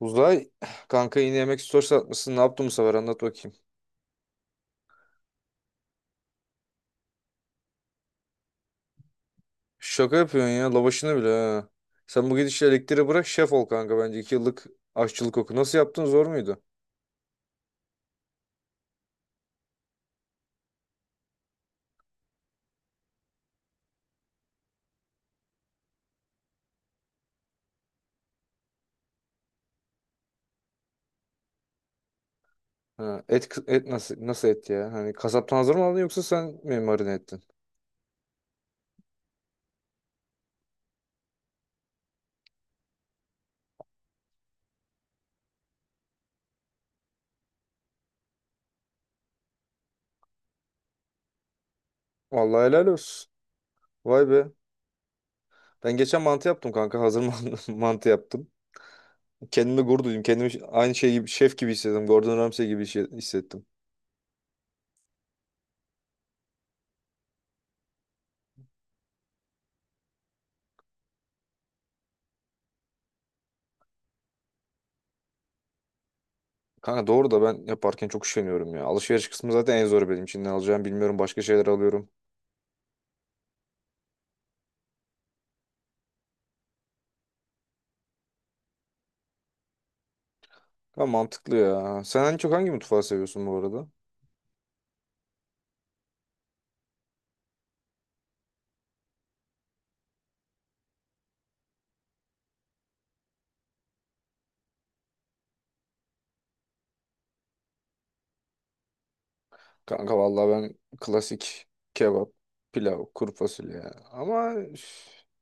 Uzay kanka yine yemek stories atmışsın. Ne yaptın bu sefer, anlat bakayım. Şaka yapıyorsun ya, lavaşını bile ha. Sen bu gidişle elektriği bırak şef ol kanka bence. 2 yıllık aşçılık oku. Nasıl yaptın, zor muydu? Ha, et nasıl et ya? Hani kasaptan hazır mı aldın yoksa sen mi marine ettin? Vallahi helal olsun. Vay be. Ben geçen mantı yaptım kanka. Hazır mantı mantı yaptım. Kendime gurur duydum. Kendimi aynı şey gibi, şef gibi hissettim. Gordon Ramsay gibi hissettim. Kanka doğru da ben yaparken çok üşeniyorum ya. Alışveriş kısmı zaten en zoru benim için. Ne alacağım bilmiyorum. Başka şeyler alıyorum. Ama mantıklı ya. Sen en çok hangi mutfağı seviyorsun bu arada? Kanka vallahi ben klasik kebap, pilav, kuru fasulye ya. Ama üf,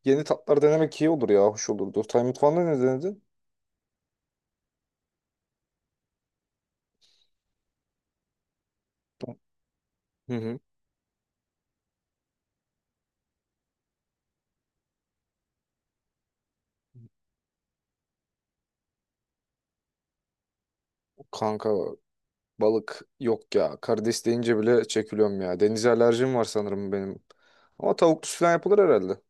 yeni tatlar denemek iyi olur ya. Hoş olurdu. Tay mutfağında ne denedin? Hı hı. Kanka balık yok ya. Karides deyince bile çekiliyorum ya. Denize alerjim var sanırım benim. Ama tavuklu falan yapılır herhalde.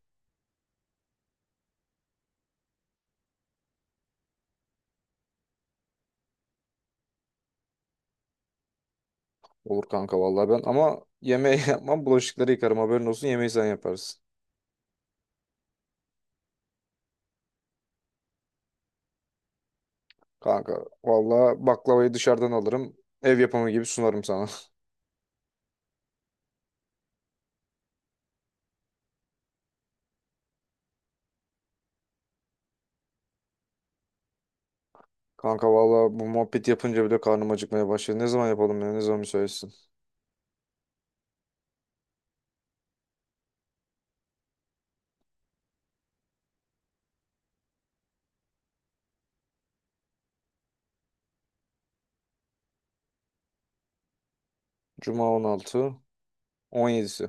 Olur kanka vallahi, ben ama yemeği yapmam, bulaşıkları yıkarım, haberin olsun, yemeği sen yaparsın. Kanka vallahi baklavayı dışarıdan alırım, ev yapımı gibi sunarım sana. Kanka vallahi bu muhabbet yapınca bile karnım acıkmaya başladı. Ne zaman yapalım ya, ne zaman müsaitsin? Cuma 16, 17'si.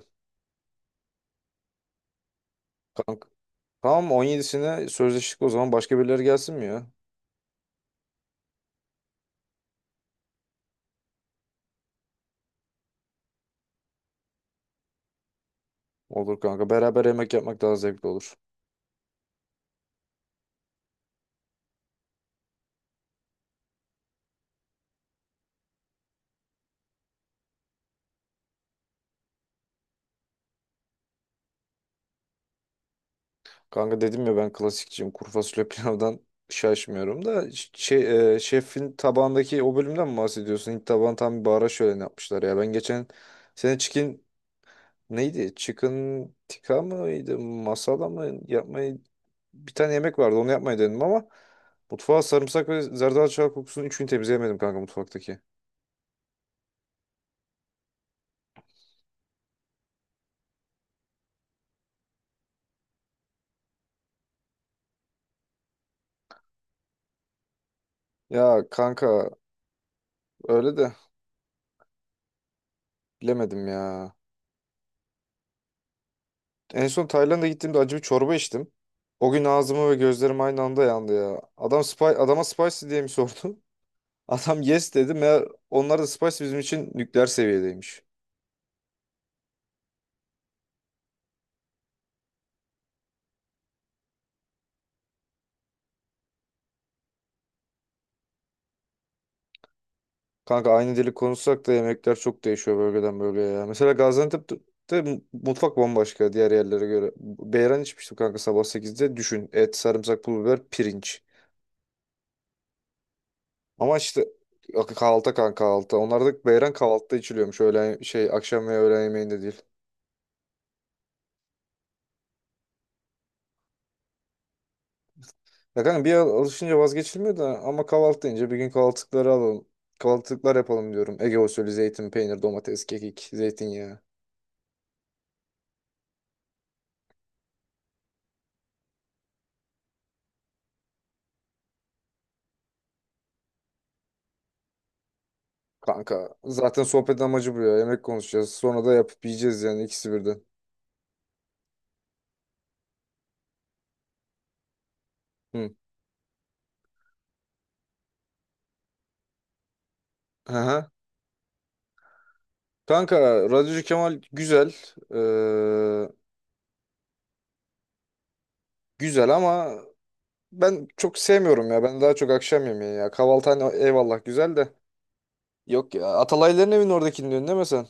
Kanka tamam, 17'sine sözleştik o zaman, başka birileri gelsin mi ya? Olur kanka, beraber yemek yapmak daha zevkli olur. Kanka dedim ya ben klasikçiyim. Kuru fasulye pilavdan şaşmıyorum da şey, şefin tabağındaki o bölümden mi bahsediyorsun? Hint tabağını tam bir bahara şöleni yapmışlar ya. Ben geçen sene chicken neydi? Chicken tikka mıydı? Masala mı? Yapmayı bir tane yemek vardı. Onu yapmayı denedim ama mutfağa sarımsak ve zerdeçal kokusunun üçünü temizleyemedim kanka, mutfaktaki. Ya kanka öyle de bilemedim ya. En son Tayland'a gittiğimde acı bir çorba içtim. O gün ağzımı ve gözlerim aynı anda yandı ya. Adam adama spicy diye mi sordu? Adam yes dedi. Meğer onlar da spicy bizim için nükleer seviyedeymiş. Kanka aynı dili konuşsak da yemekler çok değişiyor bölgeden bölgeye ya. Mesela Gaziantep'te mutfak bambaşka diğer yerlere göre. Beyran içmiştim kanka, sabah 8'de. Düşün: et, sarımsak, pul biber, pirinç. Ama işte kahvaltı kanka, kahvaltı. Onlarda beyran kahvaltıda içiliyormuş. Öğlen şey akşam ve öğlen yemeğinde değil. Ya kanka bir alışınca vazgeçilmiyor da, ama kahvaltı deyince bir gün kahvaltılıkları alalım. Kahvaltılıklar yapalım diyorum. Ege usulü zeytin, peynir, domates, kekik, zeytinyağı. Kanka zaten sohbet amacı bu ya. Yemek konuşacağız. Sonra da yapıp yiyeceğiz, yani ikisi birden. Hı. Aha. Kanka Radyocu Kemal güzel. Ee, güzel ama ben çok sevmiyorum ya. Ben daha çok akşam yemeği ya. Kahvaltı hani eyvallah güzel de. Yok ya, Atalayların evinin oradakini diyorsun değil mi sen?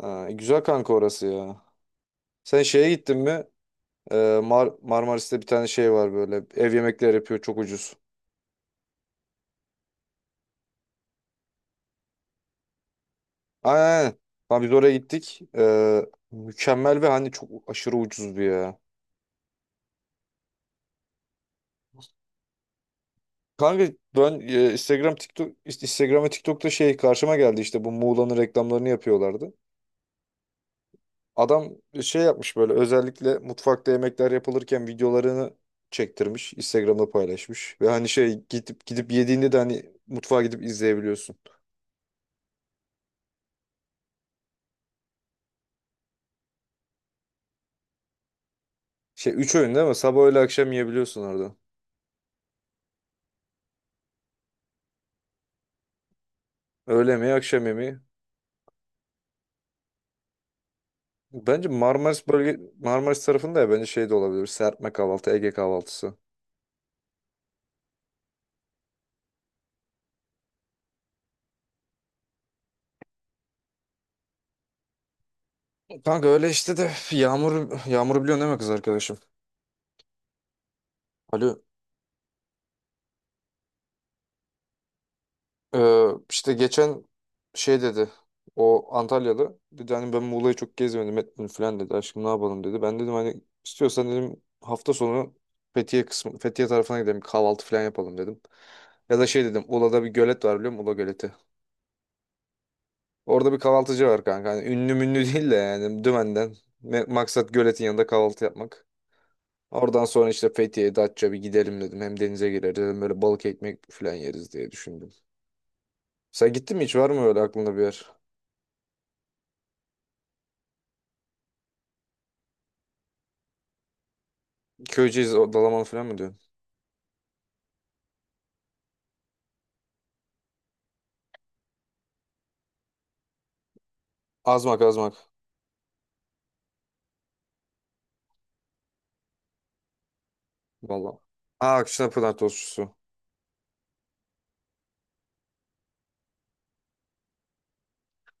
Ha, güzel kanka orası ya. Sen şeye gittin mi? Marmaris'te bir tane şey var böyle. Ev yemekleri yapıyor, çok ucuz. Aynen. Aynen. Lan biz oraya gittik. Mükemmel ve hani çok aşırı ucuzdu ya. Kanka ben Instagram ve TikTok'ta şey karşıma geldi, işte bu Muğla'nın reklamlarını yapıyorlardı. Adam şey yapmış, böyle özellikle mutfakta yemekler yapılırken videolarını çektirmiş, Instagram'da paylaşmış ve hani şey, gidip gidip yediğinde de hani mutfağa gidip izleyebiliyorsun. Şey, üç öğün değil mi? Sabah öğle akşam yiyebiliyorsun orada. Öğle yemeği, akşam yemeği. Bence Marmaris Marmaris tarafında ya, bence şey de olabilir. Serpme kahvaltı, Ege kahvaltısı. Kanka öyle işte de, Yağmur'u biliyorsun değil mi, kız arkadaşım? Ali, e, işte geçen şey dedi. O Antalyalı dedi, hani ben Muğla'yı çok gezmedim etmedim falan dedi. Aşkım ne yapalım dedi. Ben dedim hani istiyorsan dedim hafta sonu Fethiye tarafına gidelim kahvaltı falan yapalım dedim. Ya da şey dedim Ula'da bir gölet var biliyor musun? Ula göleti. Orada bir kahvaltıcı var kanka. Hani ünlü münlü değil de yani Dümen'den. Maksat göletin yanında kahvaltı yapmak. Oradan sonra işte Fethiye, Datça bir gidelim dedim. Hem denize gireriz dedim. Böyle balık ekmek falan yeriz diye düşündüm. Sen gittin mi hiç? Var mı öyle aklında bir yer? Köyceğiz, o Dalaman falan mı diyorsun? Azmak, Azmak. Vallahi. Aa, Akşener Tostçusu.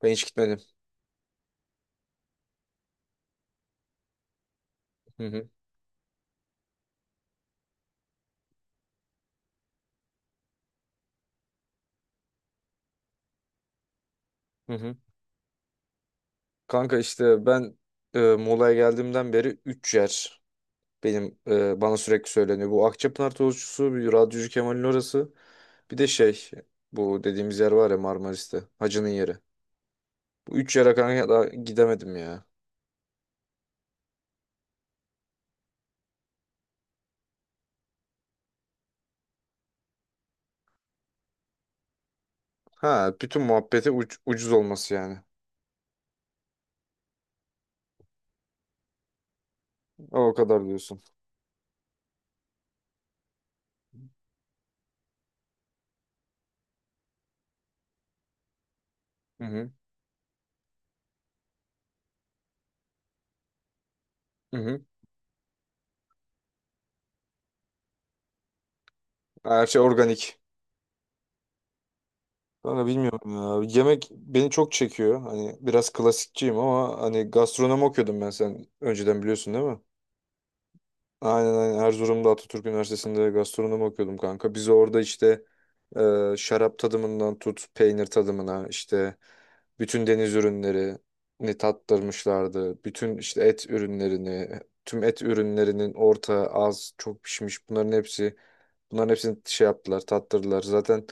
Ben hiç gitmedim. Hı hı. Hı hı. Kanka işte ben Muğla'ya geldiğimden beri 3 yer. Bana sürekli söyleniyor. Bu Akçapınar tozcusu, bir radyocu Kemal'in orası. Bir de şey, bu dediğimiz yer var ya Marmaris'te. Hacı'nın yeri. Bu üç yere kanka daha gidemedim ya. Ha, bütün muhabbeti ucuz olması yani. O kadar diyorsun. Hı hı. Hı hı. Her şey organik. Kanka bilmiyorum ya. Yemek beni çok çekiyor. Hani biraz klasikçiyim ama hani gastronomi okuyordum ben, sen önceden biliyorsun değil mi? Aynen, aynen. Erzurum'da Atatürk Üniversitesi'nde gastronomi okuyordum kanka. Biz orada işte, şarap tadımından tut peynir tadımına işte bütün deniz ürünlerini tattırmışlardı. Bütün işte et ürünlerini, tüm et ürünlerinin orta, az, çok pişmiş, bunların hepsini şey yaptılar, tattırdılar. Zaten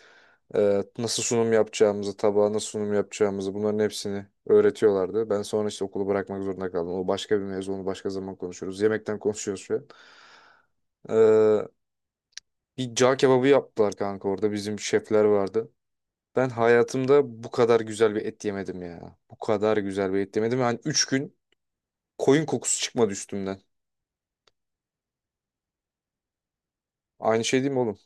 nasıl sunum yapacağımızı, tabağa nasıl sunum yapacağımızı bunların hepsini öğretiyorlardı. Ben sonra işte okulu bırakmak zorunda kaldım. O başka bir mevzu, onu başka zaman konuşuruz. Yemekten konuşuyoruz şu an. Ee, bir cağ kebabı yaptılar kanka orada. Bizim şefler vardı. Ben hayatımda bu kadar güzel bir et yemedim ya. Bu kadar güzel bir et yemedim. Yani 3 gün koyun kokusu çıkmadı üstümden. Aynı şey değil mi oğlum?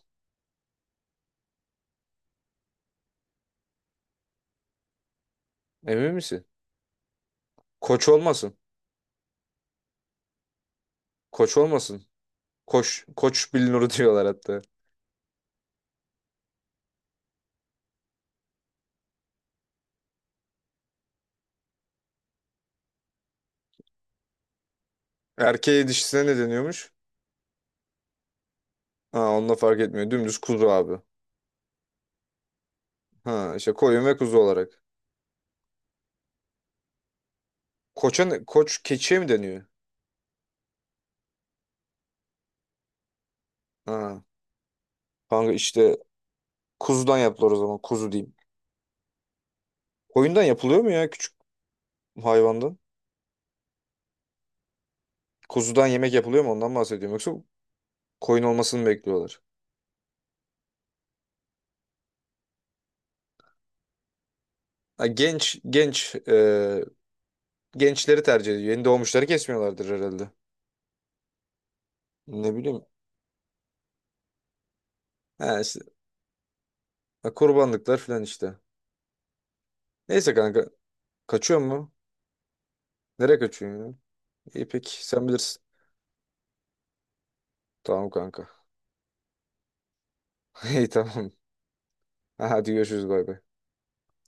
Emin misin? Koç olmasın. Koç olmasın. Koç. Koç bilinuru diyorlar hatta. Erkeğe dişisine ne deniyormuş? Ha, onunla fark etmiyor. Dümdüz kuzu abi. Ha işte koyun ve kuzu olarak. Koça ne? Koç keçiye mi deniyor? Ha. Kanka işte kuzudan yaptılar o zaman. Kuzu diyeyim. Koyundan yapılıyor mu ya, hayvandan? Kuzudan yemek yapılıyor mu ondan bahsediyorum, yoksa koyun olmasını mı bekliyorlar? Ha, genç genç gençleri tercih ediyor. Yeni doğmuşları kesmiyorlardır herhalde. Ne bileyim. Ha, işte, ha, kurbanlıklar falan işte. Neyse kanka. Kaçıyor mu? Nereye kaçıyorsun ya? İyi peki, sen bilirsin. Tamam kanka. İyi tamam. Hadi görüşürüz, bay bay.